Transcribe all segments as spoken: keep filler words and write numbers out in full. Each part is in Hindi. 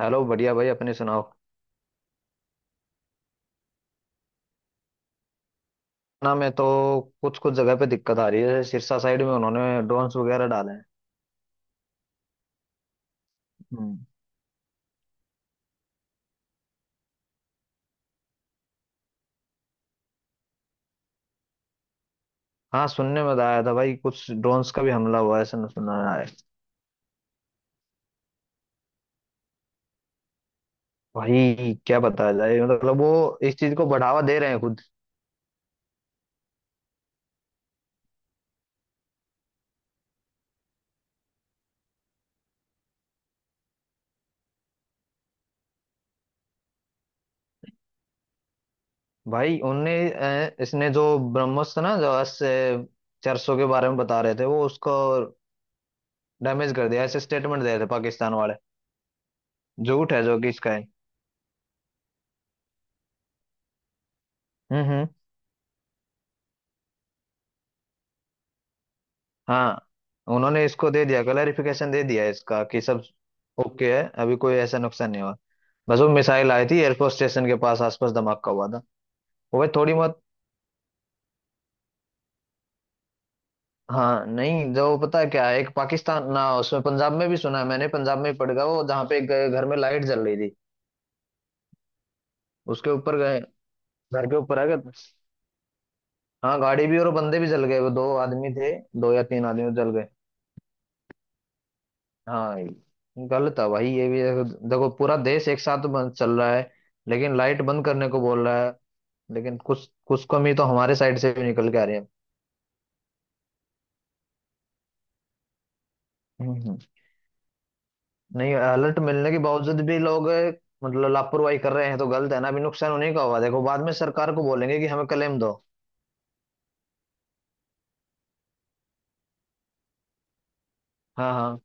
हेलो, बढ़िया भाई। अपने सुनाओ। ना मैं तो कुछ कुछ जगह पे दिक्कत आ रही है, जैसे सिरसा साइड में उन्होंने ड्रोन्स वगैरह डाले हैं। हम्म। हाँ, सुनने में तो आया था भाई, कुछ ड्रोन्स का भी हमला हुआ है ऐसा सुना है। भाई क्या बताया जाए, मतलब वो इस चीज को बढ़ावा दे रहे हैं खुद। भाई उनने अ, इसने जो ब्रह्मोस था ना, जो ऐसे चर्चों के बारे में बता रहे थे वो, उसको डैमेज कर दिया, ऐसे स्टेटमेंट दे रहे थे पाकिस्तान वाले। झूठ है जो कि इसका है। हम्म हम्म। हाँ। उन्होंने इसको दे दिया, क्लैरिफिकेशन दे दिया इसका कि सब ओके है, अभी कोई ऐसा नुकसान नहीं हुआ। बस वो मिसाइल आई थी, एयरफोर्स स्टेशन के पास आसपास धमाका हुआ था। वो भाई थोड़ी बहुत, हाँ, नहीं, जो पता है क्या है, एक पाकिस्तान ना, उसमें पंजाब में भी सुना है मैंने, पंजाब में ही पड़ गया वो, जहाँ पे एक घर में लाइट जल रही थी, उसके ऊपर गए, घर के ऊपर आ गए। हाँ, गाड़ी भी और बंदे भी जल गए, वो दो आदमी थे, दो या तीन आदमी जल गए। हाँ गलत है भाई ये भी। देखो, देखो, पूरा देश एक साथ बंद चल रहा है, लेकिन लाइट बंद करने को बोल रहा है, लेकिन कुछ कुछ कमी तो हमारे साइड से भी निकल के आ रही है। हम्म हम्म। नहीं, अलर्ट मिलने के बावजूद भी लोग अ, मतलब लापरवाही कर रहे हैं तो गलत है ना, अभी नुकसान उन्हीं का होगा, देखो बाद में सरकार को बोलेंगे कि हमें क्लेम दो। हाँ हाँ।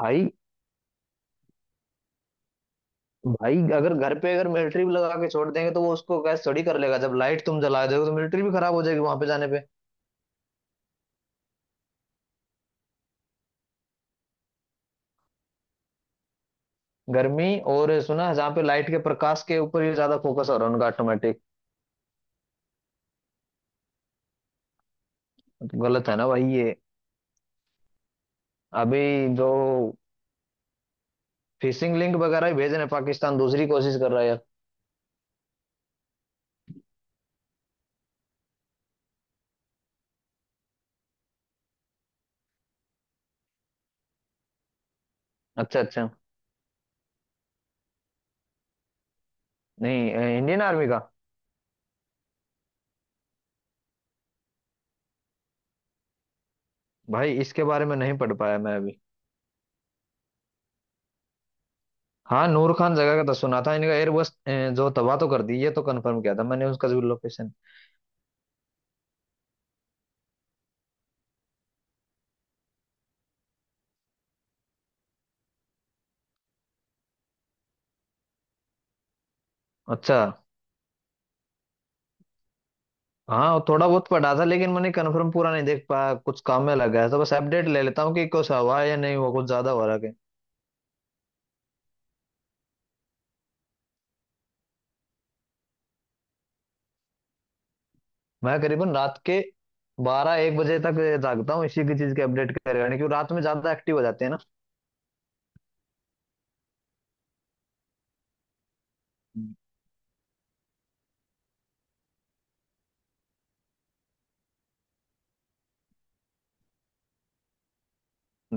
भाई, भाई अगर घर पे अगर मिलिट्री भी लगा के छोड़ देंगे तो वो उसको गैस थोड़ी कर लेगा, जब लाइट तुम जला दोगे तो मिलिट्री भी खराब हो जाएगी वहां पे जाने पे। गर्मी। और सुना है, जहाँ पे लाइट के प्रकाश के ऊपर ही ज्यादा फोकस हो रहा है उनका ऑटोमेटिक। गलत है ना भाई ये। अभी जो फिशिंग लिंक वगैरह ही भेज रहे हैं, पाकिस्तान दूसरी कोशिश कर रहा है। अच्छा अच्छा। नहीं, इंडियन आर्मी का? भाई इसके बारे में नहीं पढ़ पाया मैं अभी। हाँ नूर खान जगह का तो सुना था इनका एयरबस जो तबाह तो कर दी, ये तो कंफर्म किया था मैंने उसका जो लोकेशन। अच्छा। हाँ वो थोड़ा बहुत पढ़ा था लेकिन मैंने कंफर्म पूरा नहीं देख पाया, कुछ काम में लग गया था, बस अपडेट ले लेता हूँ कि कुछ हुआ है या नहीं हुआ, कुछ ज्यादा हो रहा है। मैं करीबन रात के बारह एक बजे तक जागता हूँ इसी की चीज के अपडेट करे, यानी कि रात में ज्यादा एक्टिव हो जाते हैं ना।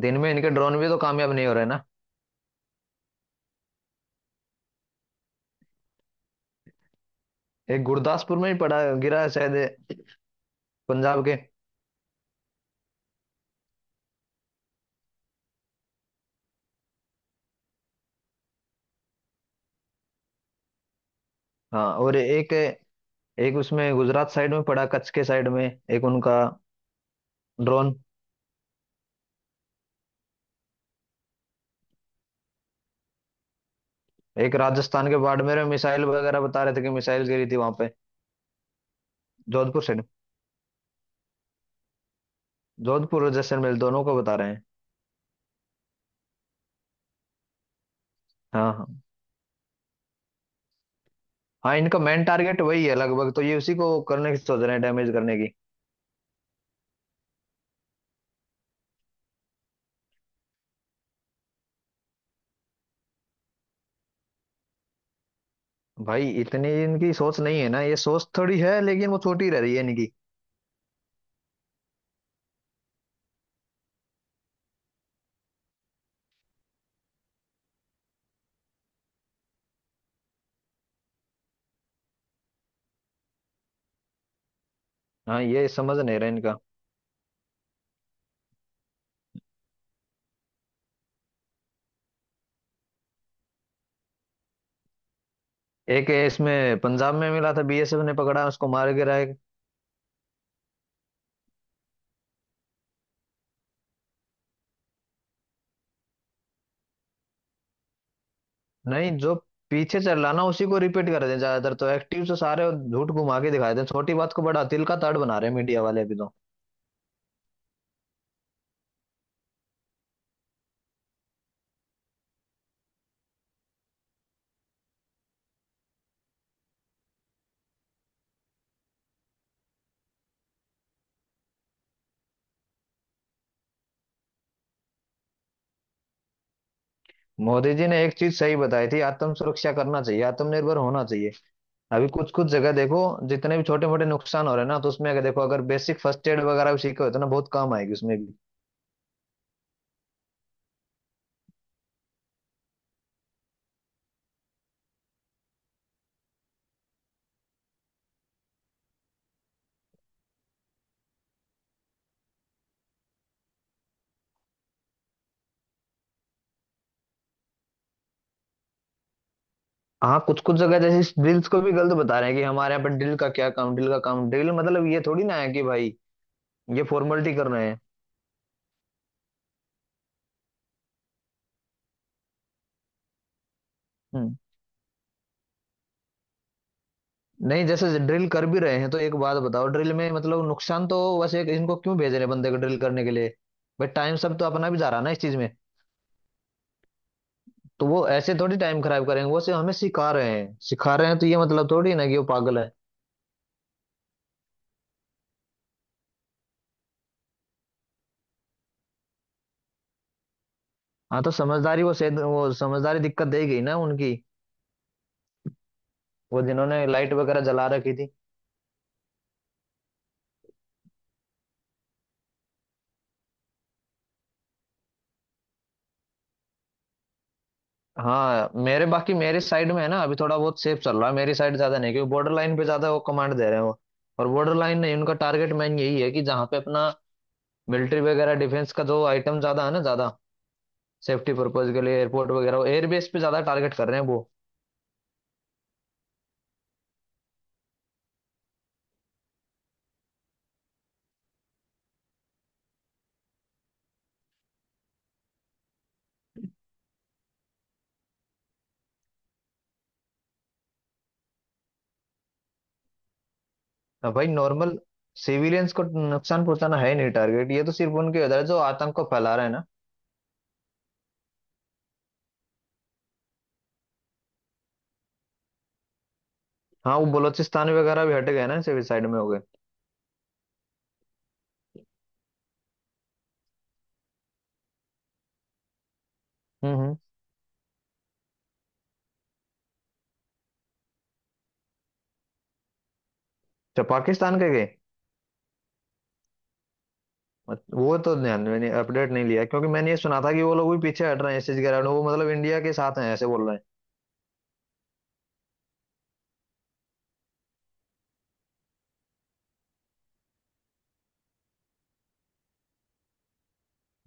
दिन में इनके ड्रोन भी तो कामयाब नहीं हो रहे ना। एक गुरदासपुर में ही पड़ा गिरा है शायद, पंजाब के। हाँ, और एक, एक उसमें गुजरात साइड में पड़ा, कच्छ के साइड में, एक उनका ड्रोन। एक राजस्थान के बाड़मेर में मिसाइल वगैरह बता रहे थे कि मिसाइल गिरी थी वहां पे। जोधपुर साइड, जोधपुर और जैसलमेर दोनों को बता रहे हैं। हाँ हाँ। हाँ इनका मेन टारगेट वही है लगभग, तो ये उसी को करने की सोच रहे हैं, डैमेज करने की। भाई इतनी इनकी सोच नहीं है ना, ये सोच थोड़ी है लेकिन वो छोटी रह रही है इनकी। हाँ ये समझ नहीं रहा इनका। एक इसमें पंजाब में मिला था, बीएसएफ ने पकड़ा, उसको मार गिरा। नहीं जो पीछे चल रहा ना उसी को रिपीट कर दें ज्यादातर, तो एक्टिव से सारे झूठ घुमा के दिखाए दें, छोटी बात को बड़ा तिल का ताड़ बना रहे हैं मीडिया वाले अभी तो। मोदी जी ने एक चीज सही बताई थी, आत्म सुरक्षा करना चाहिए, आत्मनिर्भर होना चाहिए। अभी कुछ कुछ जगह देखो, जितने भी छोटे मोटे नुकसान हो रहे हैं ना तो उसमें अगर देखो, अगर बेसिक फर्स्ट एड वगैरह भी सीखे हो तो ना बहुत काम आएगी उसमें भी। हाँ कुछ कुछ जगह जैसे ड्रिल्स को भी गलत बता रहे हैं कि हमारे यहाँ पर ड्रिल का क्या काम, ड्रिल का काम, ड्रिल मतलब ये थोड़ी ना है कि भाई ये फॉर्मेलिटी कर रहे हैं। हम्म। नहीं, जैसे ड्रिल कर भी रहे हैं तो एक बात बताओ, ड्रिल में मतलब नुकसान तो वैसे, इनको क्यों भेज रहे हैं बंदे को ड्रिल करने के लिए? भाई टाइम सब तो अपना भी जा रहा है ना इस चीज में, तो वो ऐसे थोड़ी टाइम खराब करेंगे, वो सिर्फ हमें सिखा रहे हैं, सिखा रहे हैं तो ये मतलब थोड़ी ना कि वो पागल है। हाँ तो समझदारी, वो शायद वो समझदारी दिक्कत देगी ना उनकी, वो जिन्होंने लाइट वगैरह जला रखी थी। हाँ मेरे, बाकी मेरे साइड में है ना अभी थोड़ा बहुत सेफ चल रहा है, मेरी साइड ज्यादा नहीं, क्योंकि बॉर्डर लाइन पे ज्यादा वो कमांड दे रहे हैं वो, और बॉर्डर लाइन नहीं, उनका टारगेट मैन यही है कि जहाँ पे अपना मिलिट्री वगैरह डिफेंस का जो आइटम ज्यादा है ना, ज्यादा सेफ्टी पर्पज के लिए एयरपोर्ट वगैरह एयरबेस पे ज्यादा टारगेट कर रहे हैं वो। अब भाई नॉर्मल सिविलियंस को नुकसान पहुंचाना है ही नहीं टारगेट, ये तो सिर्फ उनके उधर है जो आतंक को फैला रहे हैं ना। हाँ वो बलोचिस्तान वगैरह भी हट गए ना, सिविल साइड में हो गए। हम्म हम्म। तो पाकिस्तान के गए? मत- वो तो ध्यान मैंने अपडेट नहीं लिया, क्योंकि मैंने ये सुना था कि वो लोग भी पीछे हट रहे हैं, एसएस गिरा वो, मतलब इंडिया के साथ हैं ऐसे बोल रहे हैं।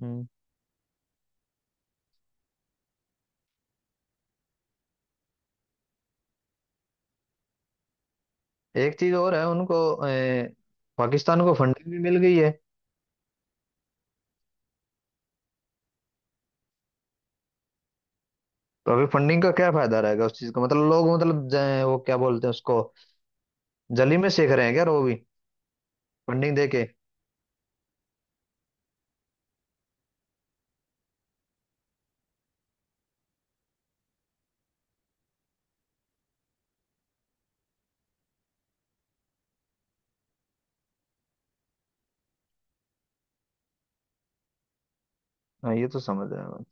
हम्म। एक चीज और है उनको अ, पाकिस्तान को फंडिंग भी मिल गई है। तो अभी फंडिंग का क्या फायदा रहेगा उस चीज का, मतलब लोग, मतलब ज- वो क्या बोलते हैं उसको, जली में सेक रहे हैं क्या वो भी, फंडिंग दे के? हाँ ये तो समझ रहे हैं बात।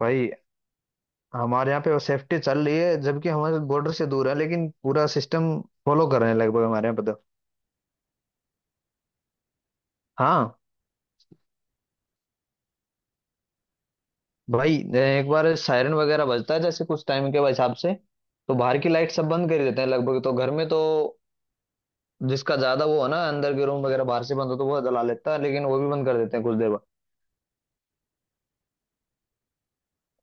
भाई हमारे यहाँ पे सेफ्टी चल रही है, जबकि हमारे बॉर्डर से दूर है, लेकिन पूरा सिस्टम फॉलो कर रहे हैं लगभग हमारे यहाँ पे तो। हाँ भाई। एक बार सायरन वगैरह बजता है जैसे कुछ टाइम के हिसाब से, तो बाहर की लाइट सब बंद कर ही देते हैं लगभग, तो घर में तो जिसका ज्यादा वो है ना, अंदर के रूम वगैरह बाहर से बंद हो तो वो जला लेता है, लेकिन वो भी बंद कर देते हैं कुछ देर बाद।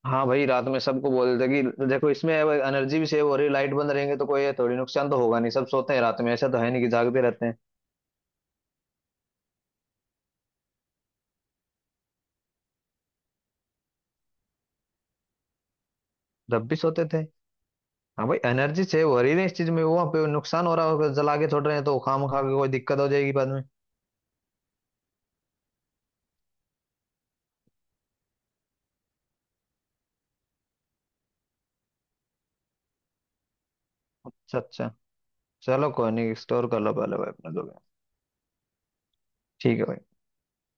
हाँ भाई रात में सबको बोल देते कि देखो इसमें एनर्जी भी सेव हो रही है, लाइट बंद रहेंगे तो कोई थोड़ी नुकसान तो होगा नहीं, सब सोते हैं रात में, ऐसा तो है नहीं कि जागते रहते हैं। जब भी सोते थे। हाँ भाई एनर्जी सेव हो रही है इस चीज में, वहाँ पे नुकसान हो रहा होगा जला के छोड़ रहे हैं तो, खाम खा के कोई दिक्कत हो जाएगी बाद में। अच्छा अच्छा, चलो कोई नहीं, स्टोर कर लो पहले भाई अपना जो भी है। ठीक है भाई।